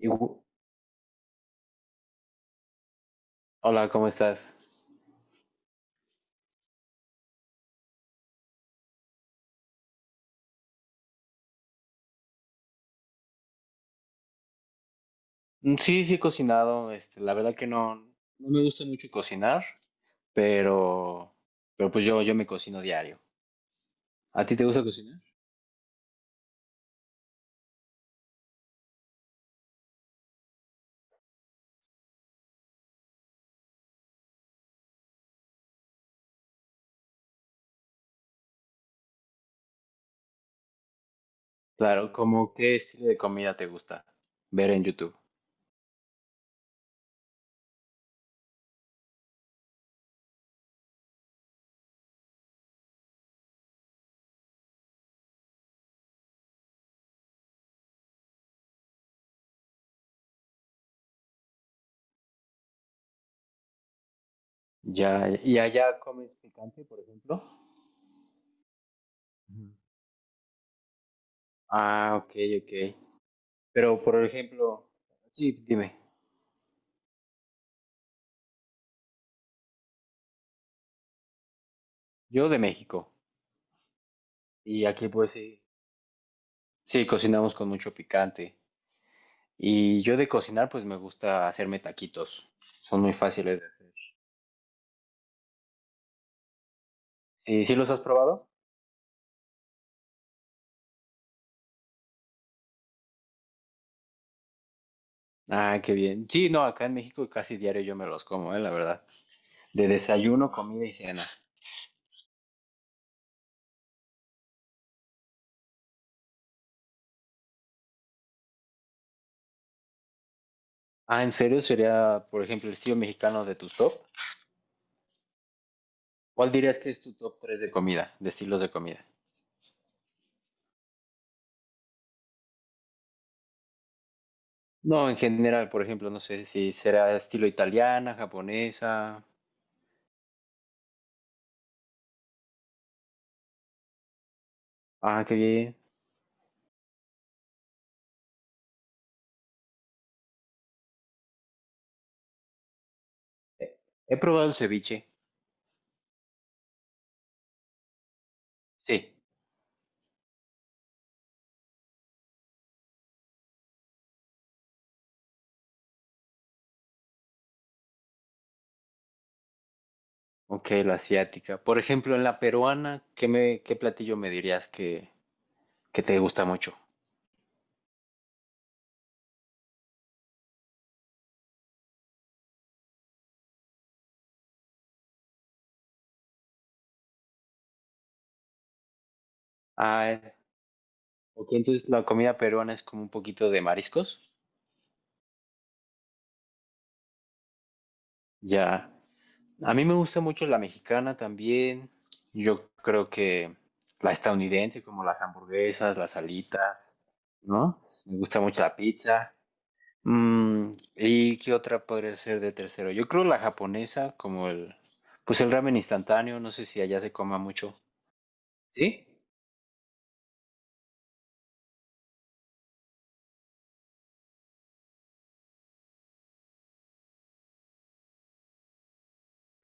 Y hola, ¿cómo estás? Sí, sí he cocinado, la verdad que no me gusta mucho cocinar, pero, pero pues yo me cocino diario. ¿A ti te gusta cocinar? Claro, ¿cómo qué estilo de comida te gusta ver en YouTube? Ya, ¿y allá comes picante, por ejemplo? Ujú. Ah, ok, ok. Pero por ejemplo, sí, dime, yo de México, y aquí pues sí, sí cocinamos con mucho picante. Y yo de cocinar, pues me gusta hacerme taquitos. Son muy fáciles de hacer. ¿Sí, sí los has probado? Ah, qué bien. Sí, no, acá en México casi diario yo me los como, la verdad. De desayuno, wow, comida y cena. Ah, ¿en serio? Sería, por ejemplo, el estilo mexicano de tu top. ¿Cuál dirías que es tu top 3 de comida, de estilos de comida? No, en general, por ejemplo, no sé si será estilo italiana, japonesa. Ah, qué bien. Eh, He probado el ceviche. Sí. Ok, la asiática. Por ejemplo, en la peruana, ¿qué me, qué platillo me dirías que te gusta mucho? Ah, ok, entonces la comida peruana es como un poquito de mariscos. Ya. A mí me gusta mucho la mexicana también. Yo creo que la estadounidense, como las hamburguesas, las alitas, ¿no? Me gusta mucho la pizza. ¿Y qué otra podría ser de tercero? Yo creo la japonesa, como el, pues el ramen instantáneo, no sé si allá se coma mucho. ¿Sí?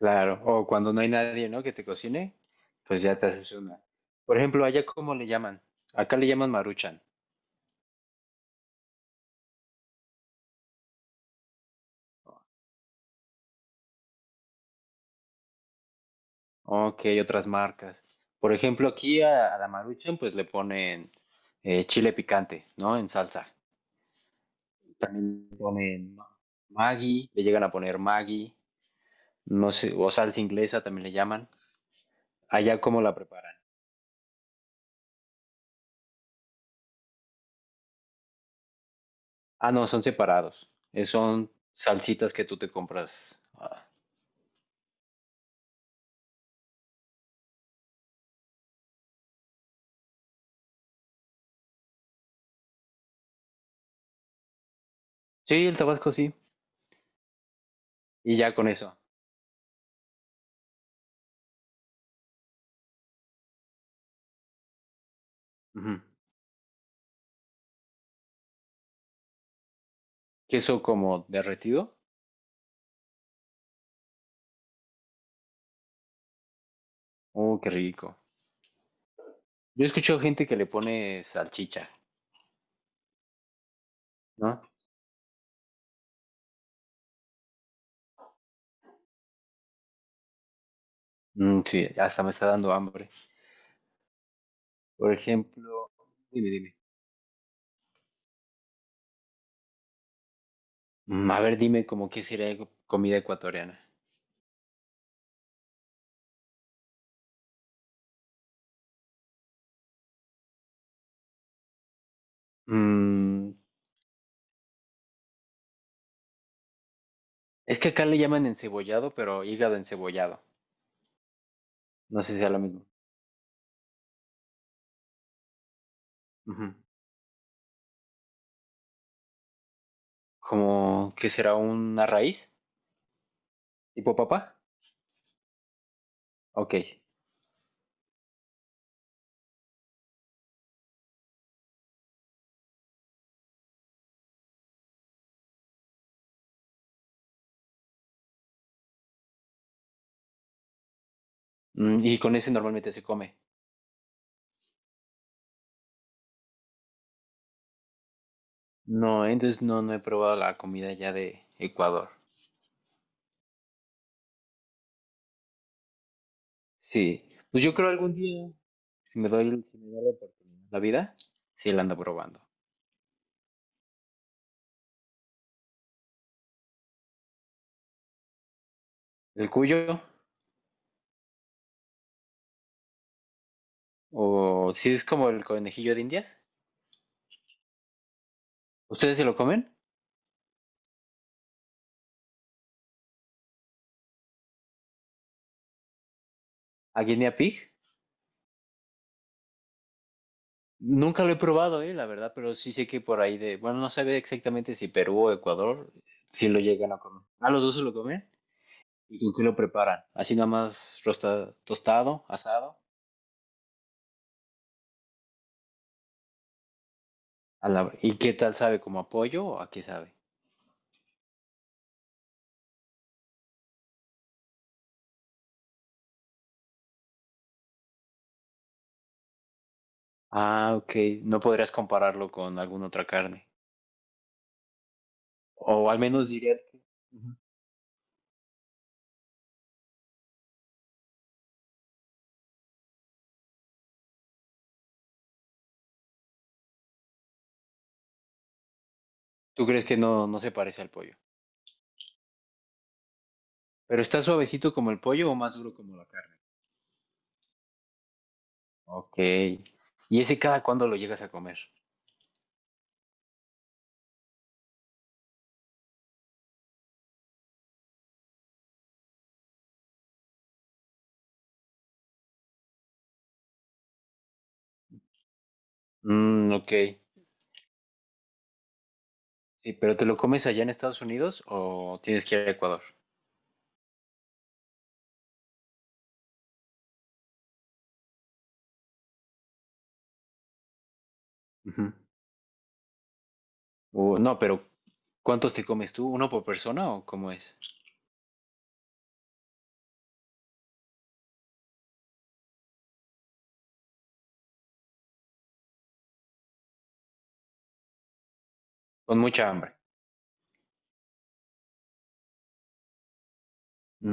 Claro, o cuando no hay nadie, ¿no? Que te cocine, pues ya te haces una. Por ejemplo, ¿allá cómo le llaman? Acá le llaman Maruchan. Ok, otras marcas. Por ejemplo, aquí a la Maruchan pues le ponen chile picante, ¿no? En salsa. También le ponen Maggi, le llegan a poner Maggi, no sé, o salsa inglesa también le llaman. Allá cómo la preparan. Ah, no, son separados. Son salsitas que tú te compras. Ah, sí, el Tabasco sí. Y ya con eso. Ujú. Queso como derretido. Oh, qué rico. Yo escucho gente que le pone salchicha, ¿no? Sí, hasta me está dando hambre. Por ejemplo, dime, dime. A ver, dime como qué sería algo, comida ecuatoriana. Mm, es que acá le llaman encebollado, pero hígado encebollado. No sé si sea lo mismo. Ujú. Como que será una raíz, tipo papa. Ok. Y con ese normalmente se come. No, entonces no, no he probado la comida ya de Ecuador. Sí, pues yo creo algún día, si me doy, si me da la oportunidad, la vida, sí la ando probando. El cuyo, o si es como el conejillo de Indias, ¿ustedes se lo comen? ¿A guinea pig? Nunca lo he probado, la verdad, pero sí sé que por ahí de, bueno, no sabe exactamente si Perú o Ecuador, si lo llegan a comer. ¿A los dos se lo comen? ¿Y con qué lo preparan? Así nada más tostado, asado. ¿Y qué tal sabe? ¿Como a pollo o a qué sabe? Ah, ok, no podrías compararlo con alguna otra carne. O al menos dirías que ujú, tú crees que no, no se parece al pollo. Pero está suavecito como el pollo o más duro como la carne. Ok. ¿Y ese cada cuándo lo llegas a comer? Ok. Sí, pero ¿te lo comes allá en Estados Unidos o tienes que ir a Ecuador? Ujú. No, pero ¿cuántos te comes tú? ¿Uno por persona o cómo es? Con mucha hambre.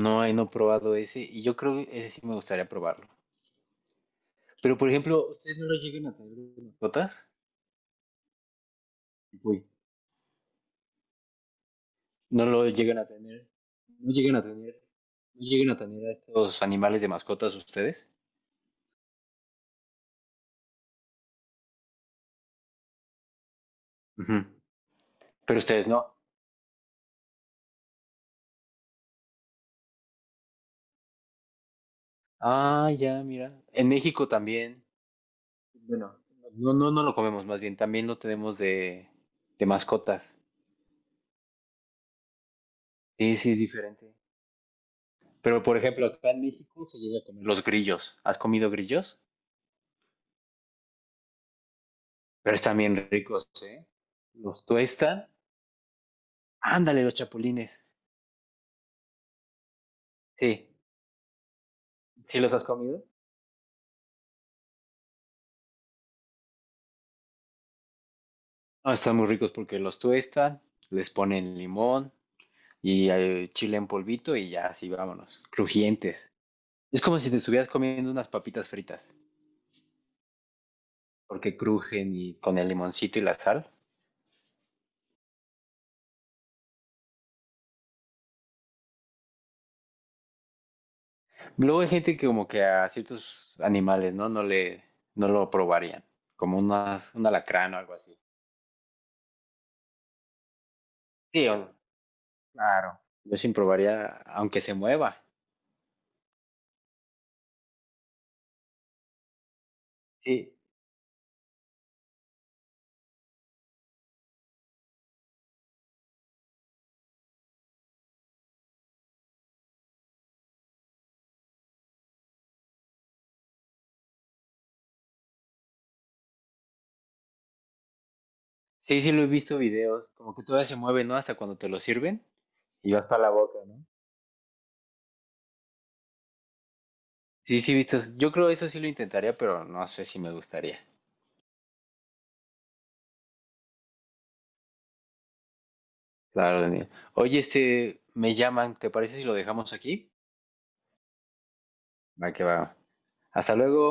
No, no he probado ese y yo creo que ese sí me gustaría probarlo. Pero por ejemplo, ¿ustedes no lo llegan a tener de mascotas? No lo llegan a tener, no llegan a tener, no llegan a tener a estos animales de mascotas ustedes. Ujú. Pero ustedes no. Ah, ya, mira. En México también. Bueno, no, no, no lo comemos, más bien, también lo tenemos de mascotas. Sí, sí, es diferente. Pero por ejemplo, acá en México se llega a comer los grillos. ¿Has comido grillos? Pero están bien ricos, ¿eh? Los tuestan. Ándale, los chapulines. Sí, ¿sí los has comido? Ah, están muy ricos porque los tuestan, les ponen limón y chile en polvito y ya así vámonos, crujientes. Es como si te estuvieras comiendo unas papitas fritas, porque crujen y con el limoncito y la sal. Luego hay gente que como que a ciertos animales, ¿no? No le, no lo probarían, como unas, un alacrán o algo así. Sí, claro. Yo sin probaría, aunque se mueva. Sí, sí, sí lo he visto videos, como que todavía se mueve, ¿no? Hasta cuando te lo sirven y vas para la boca, ¿no? Sí, sí, vistos. Yo creo eso sí lo intentaría, pero no sé si me gustaría. Claro, Daniel. Oye, me llaman, ¿te parece si lo dejamos aquí? Va que va. Hasta luego.